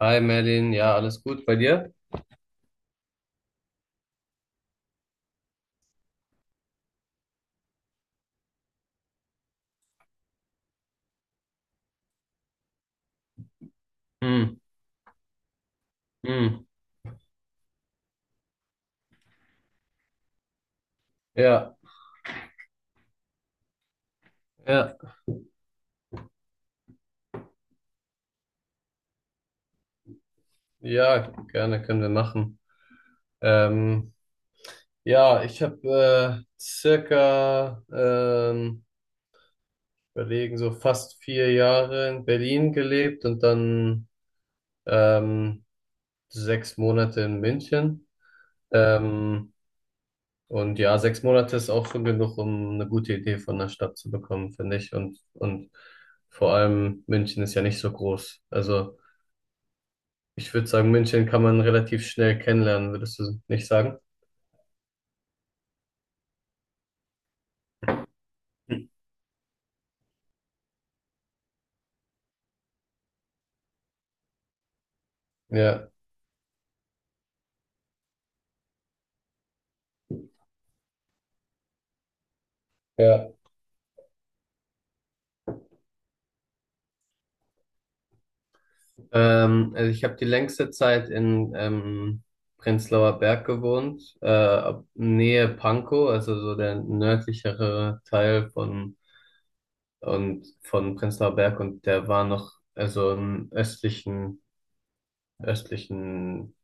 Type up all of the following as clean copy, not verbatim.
Hi Merlin, ja, alles gut bei dir? Hm, hm, ja, ja, ja, gerne können wir machen. Ähm, ja, ich habe circa, überlegen, so fast vier Jahre in Berlin gelebt und dann ähm, sechs Monate in München. Ähm, und ja, sechs Monate ist auch schon genug, um eine gute Idee von der Stadt zu bekommen, finde ich. Und vor allem München ist ja nicht so groß. Also ich würde sagen, München kann man relativ schnell kennenlernen, würdest du nicht sagen? Hm. Ja, ja. Also ich habe die längste Zeit in Prenzlauer Berg gewohnt, Nähe Pankow, also so der nördlichere Teil von und von Prenzlauer Berg, und der war noch, also im östlichen östlichen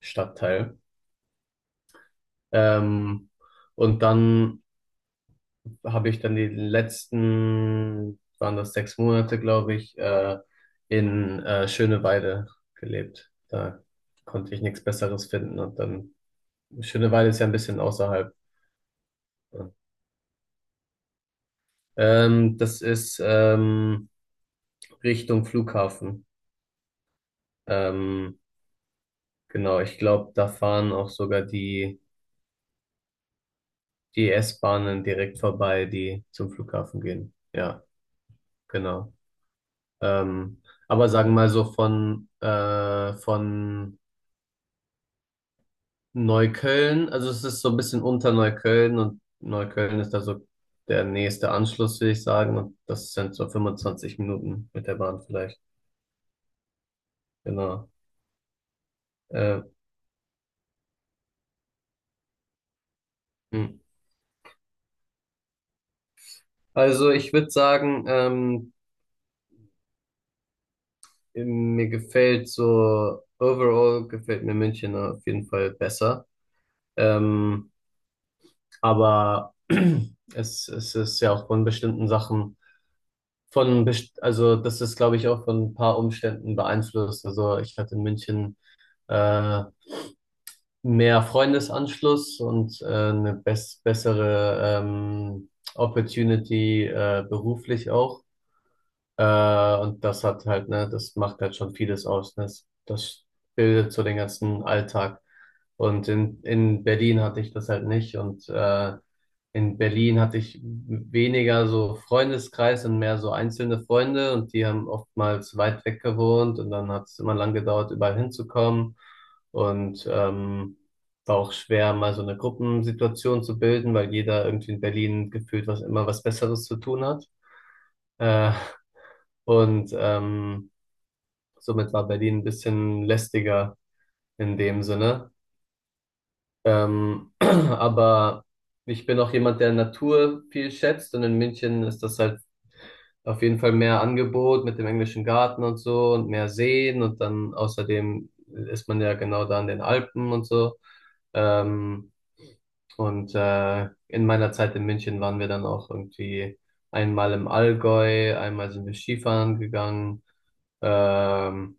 Stadtteil. Ähm, und dann habe ich dann die letzten, waren das sechs Monate, glaube ich, in Schöneweide gelebt. Da konnte ich nichts Besseres finden. Und dann, Schöneweide ist ja ein bisschen außerhalb. Das ist Richtung Flughafen. Ähm, genau, ich glaube, da fahren auch sogar die S-Bahnen direkt vorbei, die zum Flughafen gehen. Ja, genau. Ähm, aber sagen wir mal so von Neukölln, also es ist so ein bisschen unter Neukölln, und Neukölln ist da so der nächste Anschluss, würde ich sagen. Und das sind so 25 Minuten mit der Bahn vielleicht. Genau. Äh, hm, also ich würde sagen, mir gefällt so, overall gefällt mir München auf jeden Fall besser. Ähm, aber es ist ja auch von bestimmten Sachen. Also das ist, glaube ich, auch von ein paar Umständen beeinflusst. Also ich hatte in München äh, mehr Freundesanschluss und eine bessere Opportunity beruflich auch. Und das hat halt, ne, das macht halt schon vieles aus, ne? Das bildet so den ganzen Alltag. Und in Berlin hatte ich das halt nicht. In Berlin hatte ich weniger so Freundeskreis und mehr so einzelne Freunde. Und die haben oftmals weit weg gewohnt. Und dann hat es immer lang gedauert, überall hinzukommen. Und war auch schwer, mal so eine Gruppensituation zu bilden, weil jeder irgendwie in Berlin gefühlt was immer was Besseres zu tun hat. Äh, und ähm, somit war Berlin ein bisschen lästiger in dem Sinne. Aber ich bin auch jemand, der Natur viel schätzt, und in München ist das halt auf jeden Fall mehr Angebot mit dem englischen Garten und so und mehr Seen, und dann außerdem ist man ja genau da in den Alpen und so. Ähm, in meiner Zeit in München waren wir dann auch irgendwie einmal im Allgäu, einmal sind wir Skifahren gegangen. Ähm,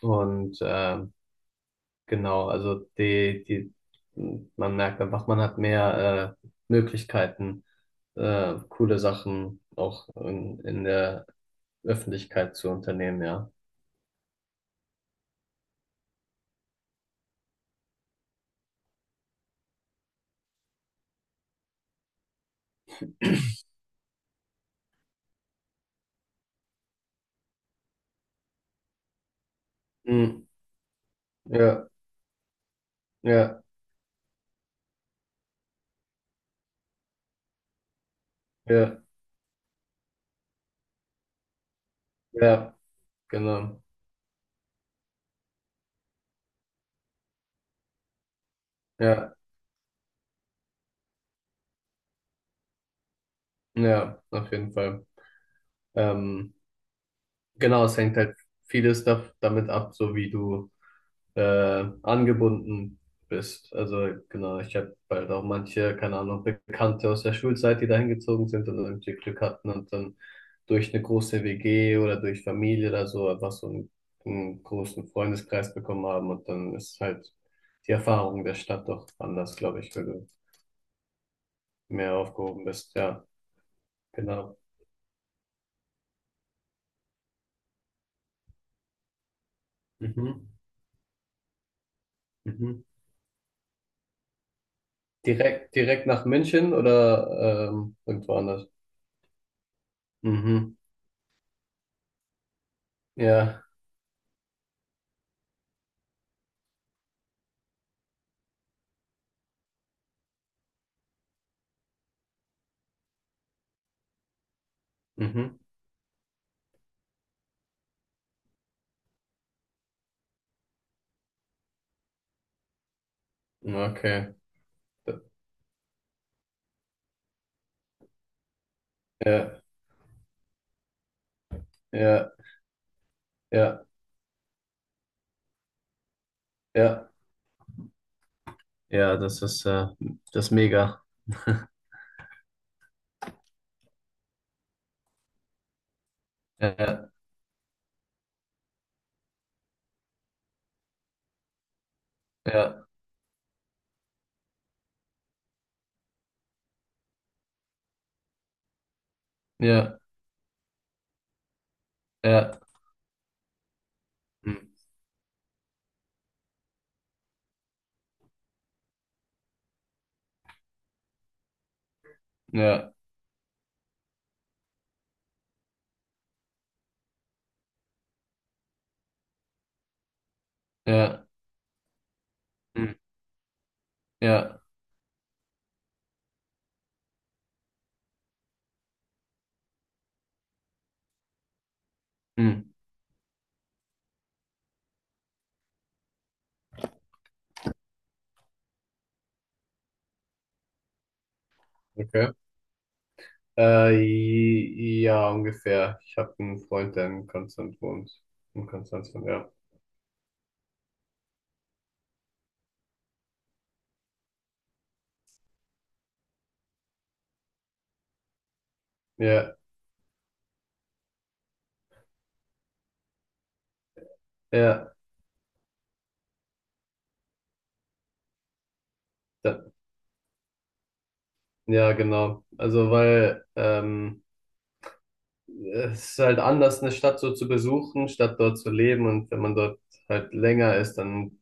Und äh, genau, also die, die, man merkt einfach, man hat mehr Möglichkeiten, coole Sachen auch in der Öffentlichkeit zu unternehmen, ja. Hm, ja, ja, ja, ja, genau. Ja, ja, auf jeden Fall. Ähm, genau, es hängt halt vieles damit ab, so wie du angebunden bist. Also genau, ich habe halt auch manche, keine Ahnung, Bekannte aus der Schulzeit, die dahin gezogen sind und irgendwie Glück hatten, und dann durch eine große WG oder durch Familie oder so einfach einen großen Freundeskreis bekommen haben, und dann ist halt die Erfahrung der Stadt doch anders, glaube ich, wenn du mehr aufgehoben bist. Ja, genau. Mhm. Mhm. Direkt nach München oder irgendwo anders? Mhm. Ja. Mhm. Okay. Ja, ja, ja, ja, ja, das ist mega. Ja, ja, ja, ja, hm, ja, ja, hm, ja, hm. Okay. Ja, ungefähr. Ich habe einen Freund, der in Konstanz wohnt. In Konstanz wohnt, ja. Ja, ja, da, ja, genau. Also, weil, es ist halt anders, eine Stadt so zu besuchen, statt dort zu leben. Und wenn man dort halt länger ist, dann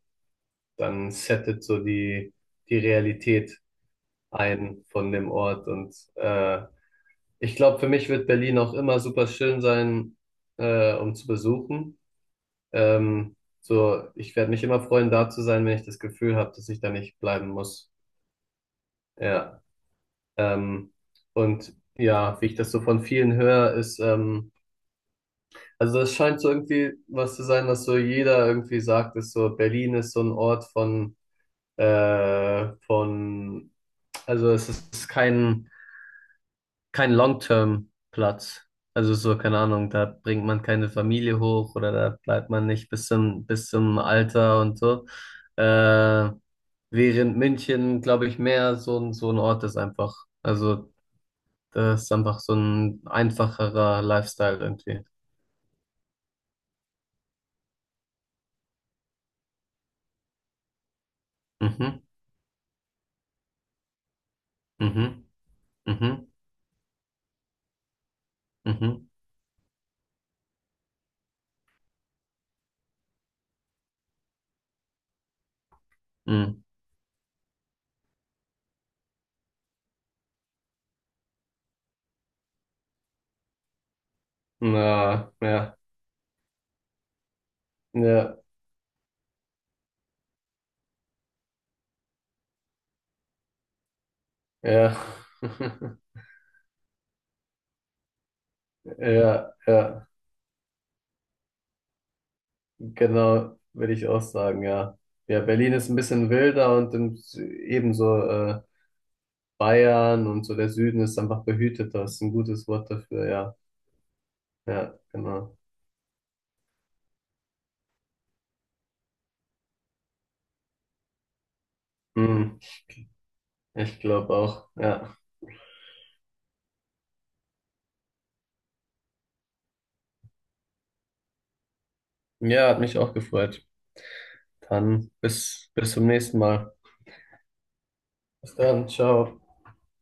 dann settet so die Realität ein von dem Ort. Und ich glaube, für mich wird Berlin auch immer super schön sein, um zu besuchen. Ähm, so, ich werde mich immer freuen, da zu sein, wenn ich das Gefühl habe, dass ich da nicht bleiben muss. Ja. Ähm, und ja, wie ich das so von vielen höre, ist, also das scheint so irgendwie was zu sein, was so jeder irgendwie sagt, ist so, Berlin ist so ein Ort von Also es ist kein, kein Long-Term-Platz. Also so, keine Ahnung, da bringt man keine Familie hoch, oder da bleibt man nicht bis zum Alter und so. Äh, während München, glaube ich, mehr so ein Ort ist einfach. Also das ist einfach so ein einfacherer Lifestyle irgendwie. Mhm, mhm, mhm, mhm, mhm. Na, ja, ja, ja. Ja, ja. Genau, würde ich auch sagen, ja. Ja, Berlin ist ein bisschen wilder und im, ebenso Bayern und so der Süden ist einfach behüteter. Ist ein gutes Wort dafür, ja. Ja, genau. Hm, ich glaube auch, ja. Ja, hat mich auch gefreut. Dann bis zum nächsten Mal. Bis dann, ciao.